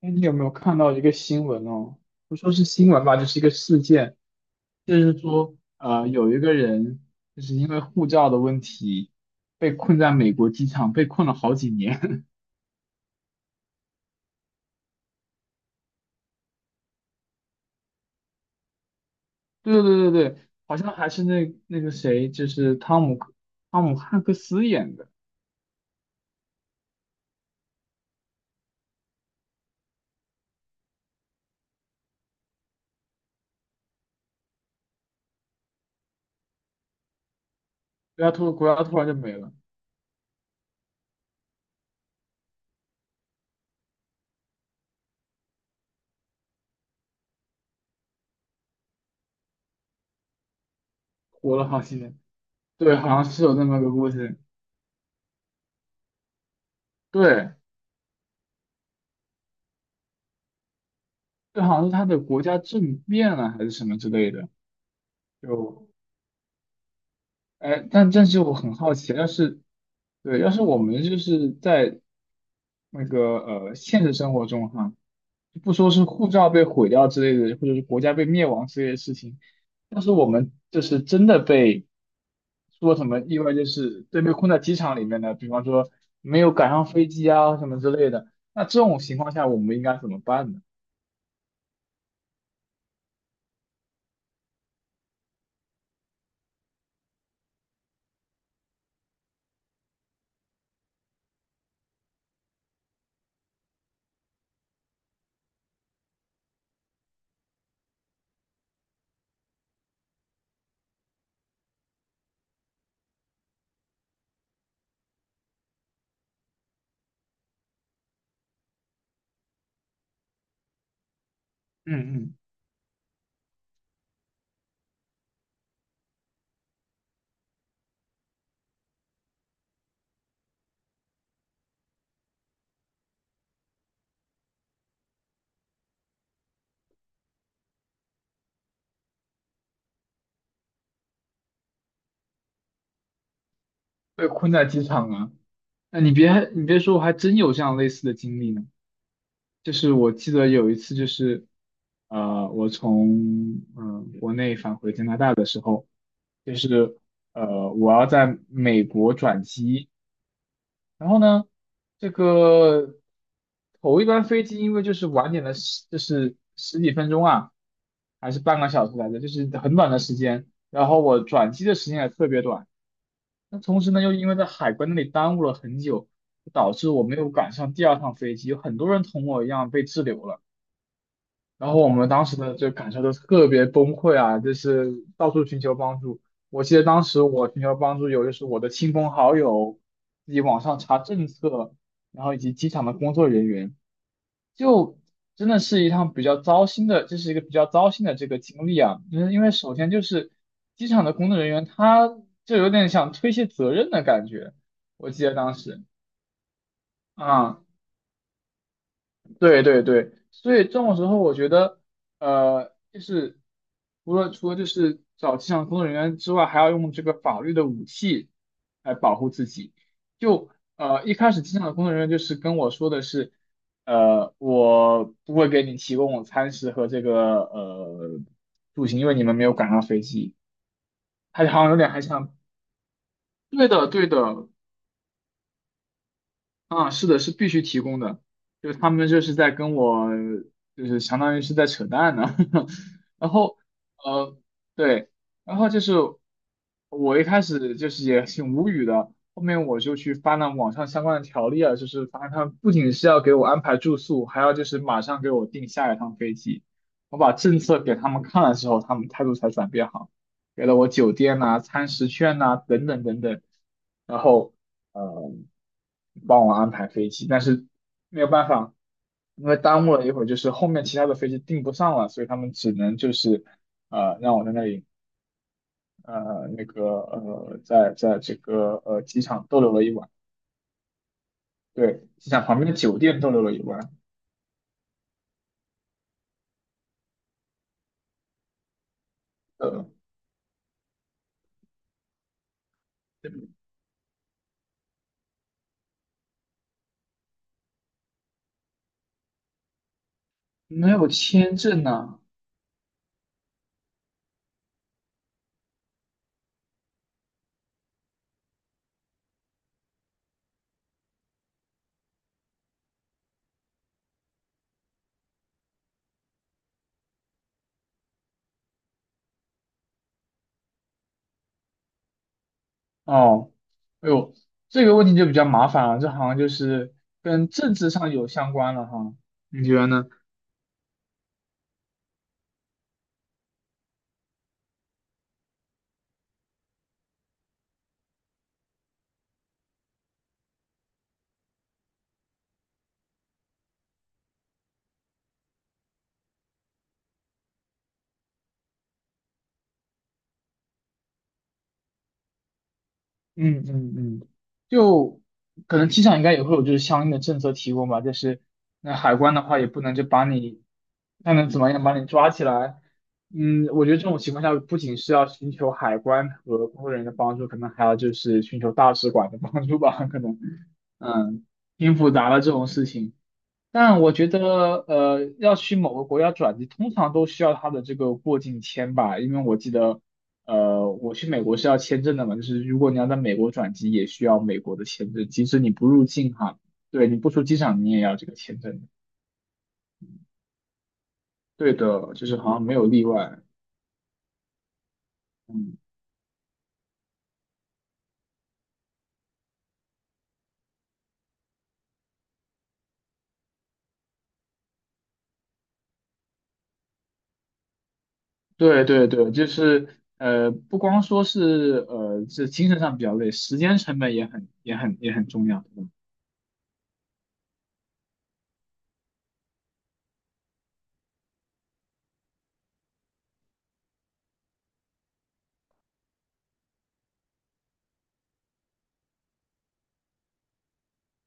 哎，你有没有看到一个新闻哦？不说是新闻吧，就是一个事件，就是说，有一个人就是因为护照的问题被困在美国机场，被困了好几年。对对对对，对，好像还是那个谁，就是汤姆汉克斯演的，国家突然就没了，活了好几年。对，好像是有那么个故事。对，这好像是他的国家政变了还是什么之类的，就哎，但是我很好奇，要是对，要是我们就是在那个现实生活中哈，就不说是护照被毁掉之类的，或者是国家被灭亡之类的事情，要是我们就是真的被说什么意外，就是对，被困在机场里面的，比方说没有赶上飞机啊什么之类的，那这种情况下我们应该怎么办呢？嗯嗯，被困在机场啊，那你别说，我还真有这样类似的经历呢。就是我记得有一次，就是我从国内返回加拿大的时候，就是我要在美国转机，然后呢，这个头一班飞机因为就是晚点了十，就是十几分钟啊，还是半个小时来着，就是很短的时间，然后我转机的时间也特别短，那同时呢，又因为在海关那里耽误了很久，导致我没有赶上第二趟飞机，有很多人同我一样被滞留了。然后我们当时的这个感受都特别崩溃啊，就是到处寻求帮助。我记得当时我寻求帮助有就是我的亲朋好友，自己网上查政策，然后以及机场的工作人员，就真的是一趟比较糟心的，这是一个比较糟心的这个经历啊。就是因为首先就是机场的工作人员，他就有点想推卸责任的感觉，我记得当时啊。对对对，所以这种时候，我觉得，就是除了就是找机场工作人员之外，还要用这个法律的武器来保护自己。就一开始机场的工作人员就是跟我说的是，我不会给你提供餐食和这个住行，因为你们没有赶上飞机。他好像有点还想，对的对的，啊，是的，是必须提供的，就是他们就是在跟我，就是相当于是在扯淡呢。然后，呃，对，然后就是我一开始就是也挺无语的，后面我就去翻了网上相关的条例啊，就是发现他们不仅是要给我安排住宿，还要就是马上给我订下一趟飞机。我把政策给他们看了之后，他们态度才转变好。给了我酒店呐、餐食券呐、等等等等，然后嗯呃帮我安排飞机，但是没有办法，因为耽误了一会儿，就是后面其他的飞机订不上了，所以他们只能就是让我在那里那个在这个机场逗留了一晚，对，机场旁边的酒店逗留了一晚，呃没有签证呐、哦，哎呦，这个问题就比较麻烦了，这好像就是跟政治上有相关了哈，你觉得呢？嗯嗯嗯，就可能机场应该也会有就是相应的政策提供吧，就是那海关的话也不能就把你，那能怎么样把你抓起来。嗯，我觉得这种情况下不仅是要寻求海关和工作人员的帮助，可能还要就是寻求大使馆的帮助吧，可能，嗯，挺复杂的这种事情。但我觉得，要去某个国家转机，通常都需要他的这个过境签吧，因为我记得，我去美国是要签证的嘛，就是如果你要在美国转机，也需要美国的签证，即使你不入境哈，对，你不出机场，你也要这个签证的。对的，就是好像没有例外。嗯，对对对，就是不光说是这精神上比较累，时间成本也很重要，对吧。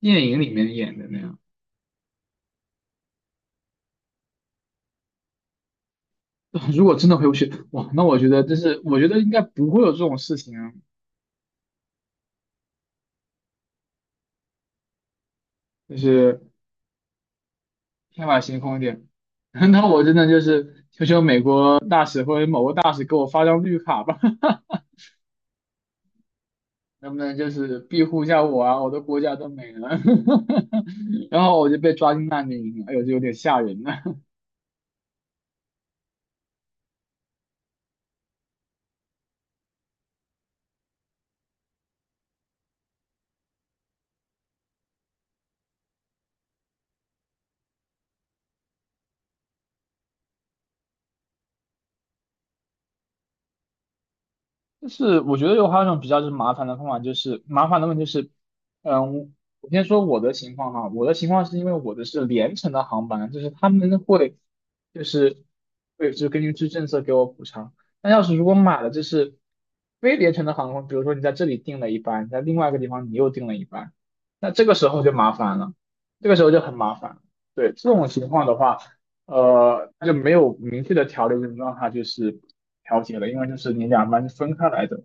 电影里面演的那样。如果真的回不去，哇，那我觉得这是，我觉得应该不会有这种事情啊，就是天马行空一点。那我真的就是求求美国大使或者某个大使给我发张绿卡吧，能不能就是庇护一下我啊？我的国家都没了，然后我就被抓进难民营了，哎呦，这有点吓人呢。就是我觉得有还有一种比较就是麻烦的方法，就是麻烦的问题就是，嗯，我先说我的情况哈，我的情况是因为我的是联程的航班，就是他们会就是会就根据这政策给我补偿。那要是如果买了就是非联程的航空，比如说你在这里订了一班，在另外一个地方你又订了一班，那这个时候就麻烦了，这个时候就很麻烦了。对，这种情况的话，它就没有明确的条例，就让它就是。调节了，因为就是你两班是分开来的。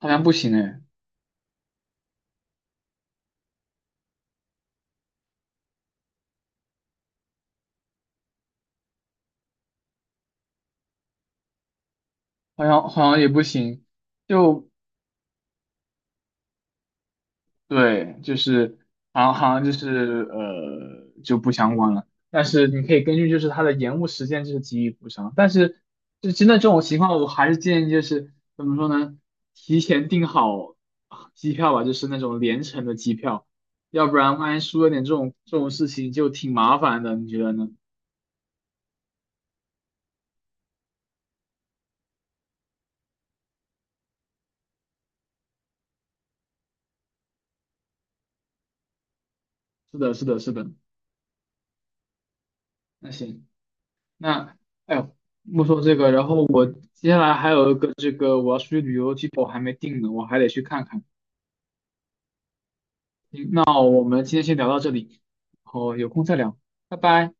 好像不行哎，好像也不行，就对，就是好像就是就不相关了。但是你可以根据就是它的延误时间就是给予补偿，但是就真的这种情况，我还是建议就是怎么说呢，提前订好机票吧，就是那种联程的机票，要不然万一出了点这种事情就挺麻烦的，你觉得呢？是的，是的，是的。那行。那哎呦，莫说这个，然后我接下来还有一个这个我要出去旅游的机票我还没定呢，我还得去看看。那我们今天先聊到这里，然后有空再聊，拜拜。